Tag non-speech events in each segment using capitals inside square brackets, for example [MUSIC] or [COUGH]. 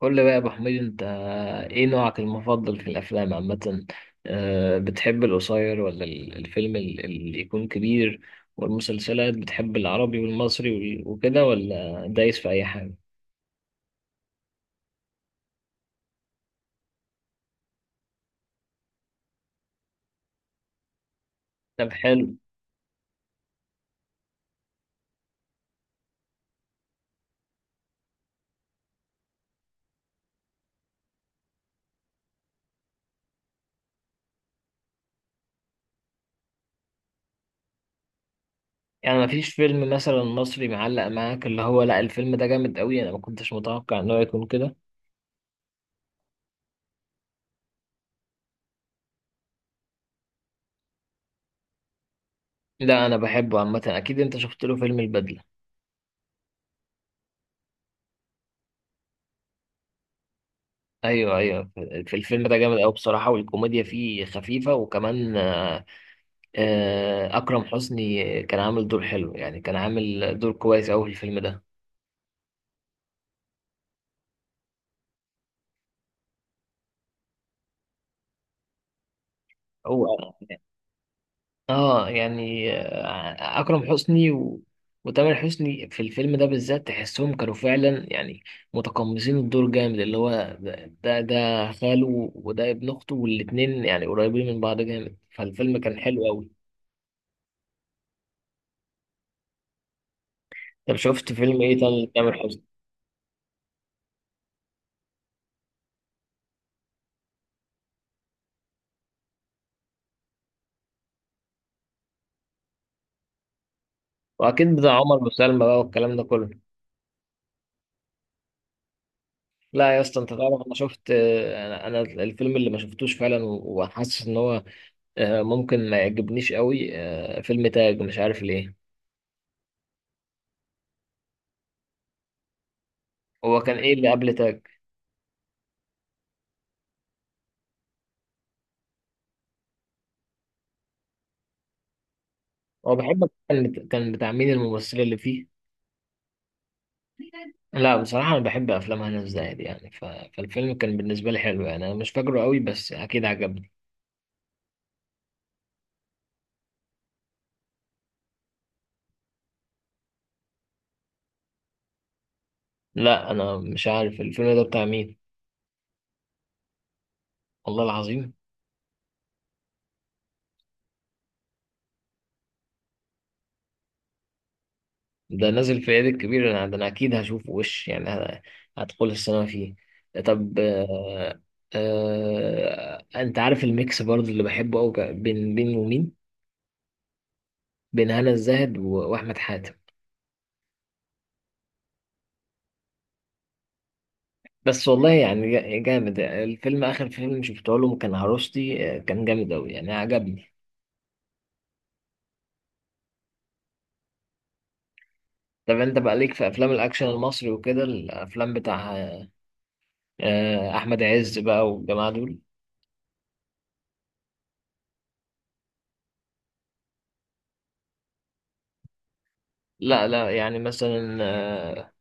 قول لي بقى يا ابو حميد، انت ايه نوعك المفضل في الافلام عامه؟ بتحب القصير ولا الفيلم اللي يكون كبير؟ والمسلسلات بتحب العربي والمصري وكده ولا دايس في اي حاجه؟ طب، حلو. يعني مفيش فيلم مثلا مصري معلق معاك اللي هو لا، الفيلم ده جامد قوي، انا ما كنتش متوقع انه يكون كده؟ لا انا بحبه عامه، اكيد انت شفت له فيلم البدله؟ ايوه، ايوه. في الفيلم ده جامد قوي بصراحه، والكوميديا فيه خفيفه، وكمان أكرم حسني كان عامل دور حلو، يعني كان عامل دور كويس أوي في الفيلم ده. هو اه يعني أكرم حسني وتامر حسني في الفيلم ده بالذات تحسهم كانوا فعلا يعني متقمصين الدور جامد، اللي هو ده خاله، وده ابن أخته، والاتنين يعني قريبين من بعض جامد، فالفيلم كان حلو أوي. طب شفت فيلم إيه تاني لتامر حسني؟ وأكيد بتاع عمر وسلمى بقى والكلام ده كله. لا يا اسطى، انت تعرف انا شفت، انا الفيلم اللي ما شفتوش فعلا وحاسس ان هو ممكن ما يعجبنيش قوي، فيلم تاج مش عارف ليه. هو كان ايه اللي قبل تاج؟ هو بحب، كان بتاع مين الممثله اللي فيه؟ لا بصراحه انا بحب افلام هنا الزاهد، يعني فالفيلم كان بالنسبه لي حلو، يعني انا مش فاكره قوي بس اكيد عجبني. لا انا مش عارف الفيلم ده بتاع مين. والله العظيم؟ ده نازل في العيد الكبير، انا ده انا اكيد هشوفه وش يعني هدخل السينما فيه. طب انت عارف الميكس برضه اللي بحبه قوي، بين ومين، بين هنا الزاهد واحمد حاتم. بس والله يعني جامد الفيلم، اخر فيلم شفته لهم كان عروستي، كان جامد قوي يعني عجبني. طب انت بقى ليك في افلام الاكشن المصري وكده، الافلام بتاع احمد عز بقى والجماعه دول؟ لا، لا يعني مثلا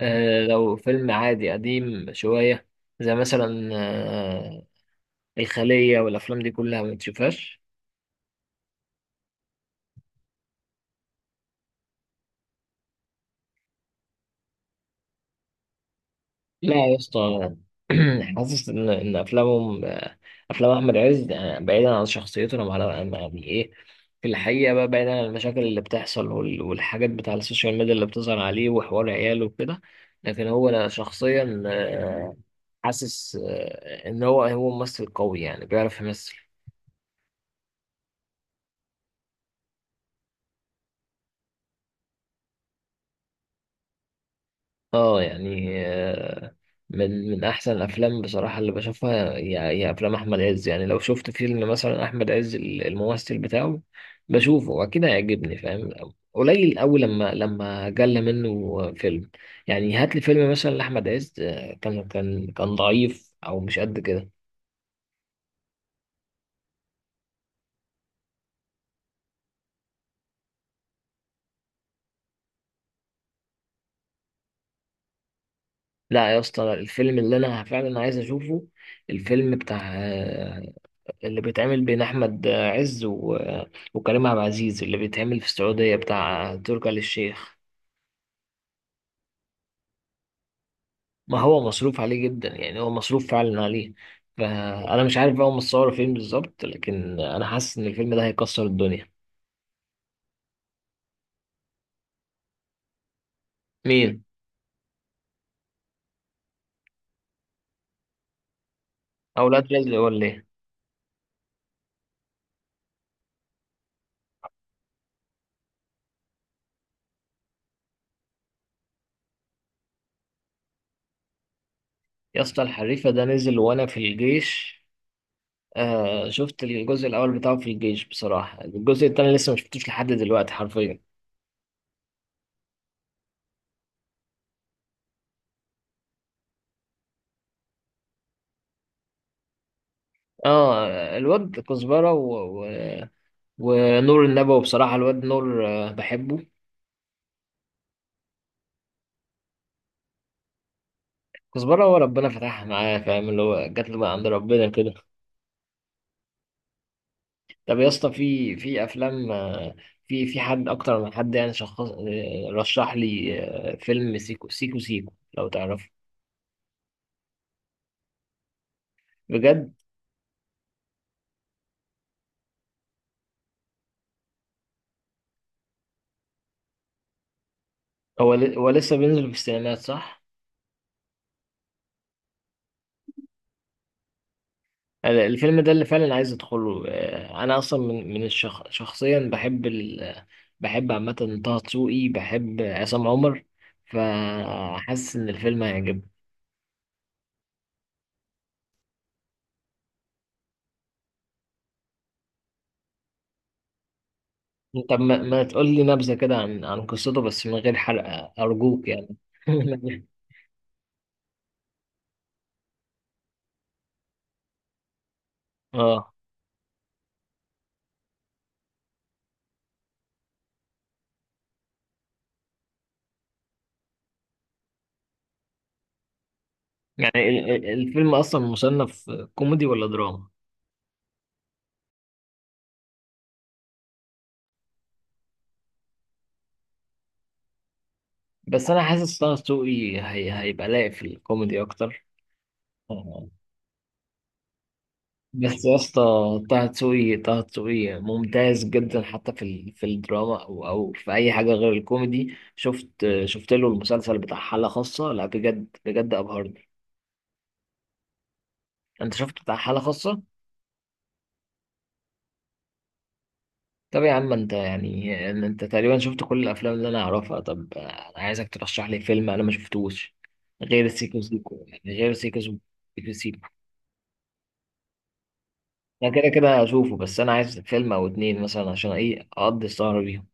لو فيلم عادي قديم شوية زي مثلا الخلية والأفلام دي كلها ما تشوفهاش؟ لا يا اسطى. [CLEARS THROAT] حاسس إن أفلامهم، أفلام أحمد عز بعيدا عن شخصيته، وعلى يعني إيه، في الحقيقة بقى، بعيدا عن المشاكل اللي بتحصل والحاجات بتاع السوشيال ميديا اللي بتظهر عليه، وحوار عياله وكده، لكن هو أنا شخصيا حاسس إن هو ممثل قوي، يعني بيعرف يمثل. اه يعني من احسن الافلام بصراحه اللي بشوفها هي افلام احمد عز، يعني لو شفت فيلم مثلا احمد عز الممثل بتاعه بشوفه، واكيد هيعجبني، فاهم؟ قليل قوي لما جل منه فيلم، يعني هات لي فيلم مثلا لاحمد عز كان ضعيف او مش قد كده. لا يا اسطى، الفيلم اللي انا فعلا عايز اشوفه، الفيلم بتاع اللي بيتعمل بين احمد عز وكريم عبد العزيز، اللي بيتعمل في السعوديه بتاع تركي آل الشيخ. ما هو مصروف عليه جدا، يعني هو مصروف فعلا عليه. فانا مش عارف بقى هم مصوروا فين بالظبط، لكن انا حاسس ان الفيلم ده هيكسر الدنيا. مين؟ اولاد رزق ولا ايه؟ يا اسطى الحريفه ده نزل وانا في الجيش، آه شفت الجزء الاول بتاعه في الجيش، بصراحه الجزء التاني لسه ما شفتوش لحد دلوقتي حرفيا. اه، الواد كزبره ونور النبوي، بصراحة الواد نور بحبه. كزبرة هو ربنا فتحها معاه، فاهم، اللي هو جات له بقى عند ربنا كده. طب يا اسطى، في أفلام، في حد أكتر من حد، يعني شخص رشح لي فيلم سيكو سيكو سيكو، لو تعرفه؟ بجد. هو لسه بينزل في السينمات صح؟ الفيلم ده اللي فعلا عايز أدخله، أنا أصلا من شخصيا بحب بحب عامة طه دسوقي، بحب عصام عمر، فحاسس إن الفيلم هيعجبني. طب ما تقول لي نبذة كده عن قصته، بس من غير حرق أرجوك يعني. [LAUGHS] اه يعني، الفيلم أصلا مصنف كوميدي ولا دراما؟ بس أنا حاسس طه دسوقي هي هيبقى لايق في الكوميدي أكتر. آه. بس يا اسطى طه دسوقي ممتاز جدا، حتى في في الدراما أو في أي حاجة غير الكوميدي. شفت، شفت له المسلسل بتاع حالة خاصة، لا بجد بجد أبهرني. أنت شفت بتاع حالة خاصة؟ طب يا عم انت، يعني انت تقريبا شفت كل الافلام اللي انا اعرفها. طب انا عايزك ترشح لي فيلم انا ما شفتوش غير سيكو سيكو، يعني غير سيكو سيكو. سيكو سيكو. انا كده كده هشوفه، بس انا عايز فيلم او اتنين مثلا عشان ايه اقضي السهرة بيهم.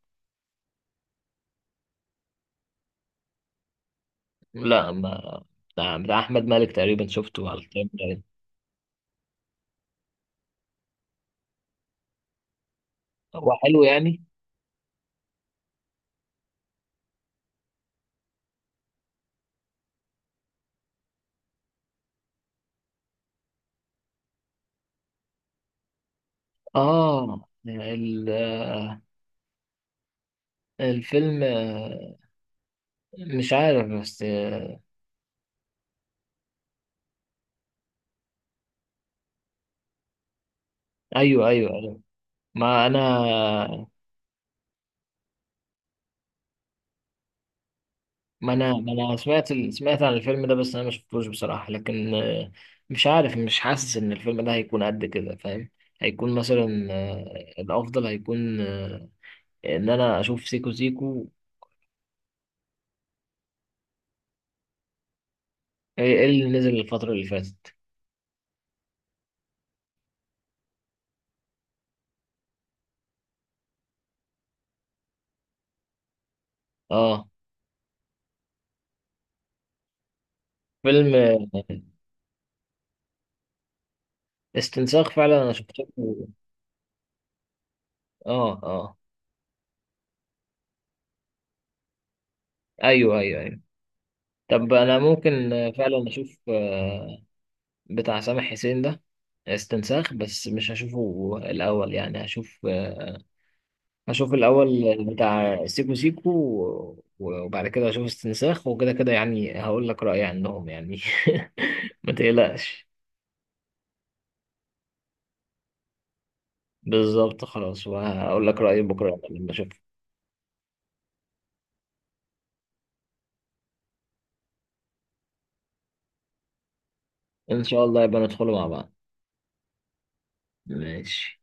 لا ما بتاع احمد مالك تقريبا شفته على الكلام ده. هو حلو يعني؟ اه الفيلم مش عارف بس ايوه، ايوه، ايوه. ما انا، ما انا سمعت سمعت عن الفيلم ده، بس انا ما شفتوش بصراحة، لكن مش عارف، مش حاسس ان الفيلم ده هيكون قد كده فاهم. هيكون مثلا الافضل هيكون ان انا اشوف سيكو سيكو. إيه اللي نزل الفترة اللي فاتت؟ اه فيلم استنساخ فعلا انا شفته. اه، اه. ايوه، ايوه، ايوه. طب انا ممكن فعلا اشوف بتاع سامح حسين ده، استنساخ، بس مش هشوفه الاول، يعني هشوف، هشوف الأول بتاع سيكو سيكو وبعد كده هشوف استنساخ، وكده كده يعني هقول لك رأيي عنهم يعني. [LAUGHS] ما تقلقش. بالظبط، خلاص، وهقول لك رأيي بكرة لما أشوف. إن شاء الله يبقى ندخله مع بعض. ماشي.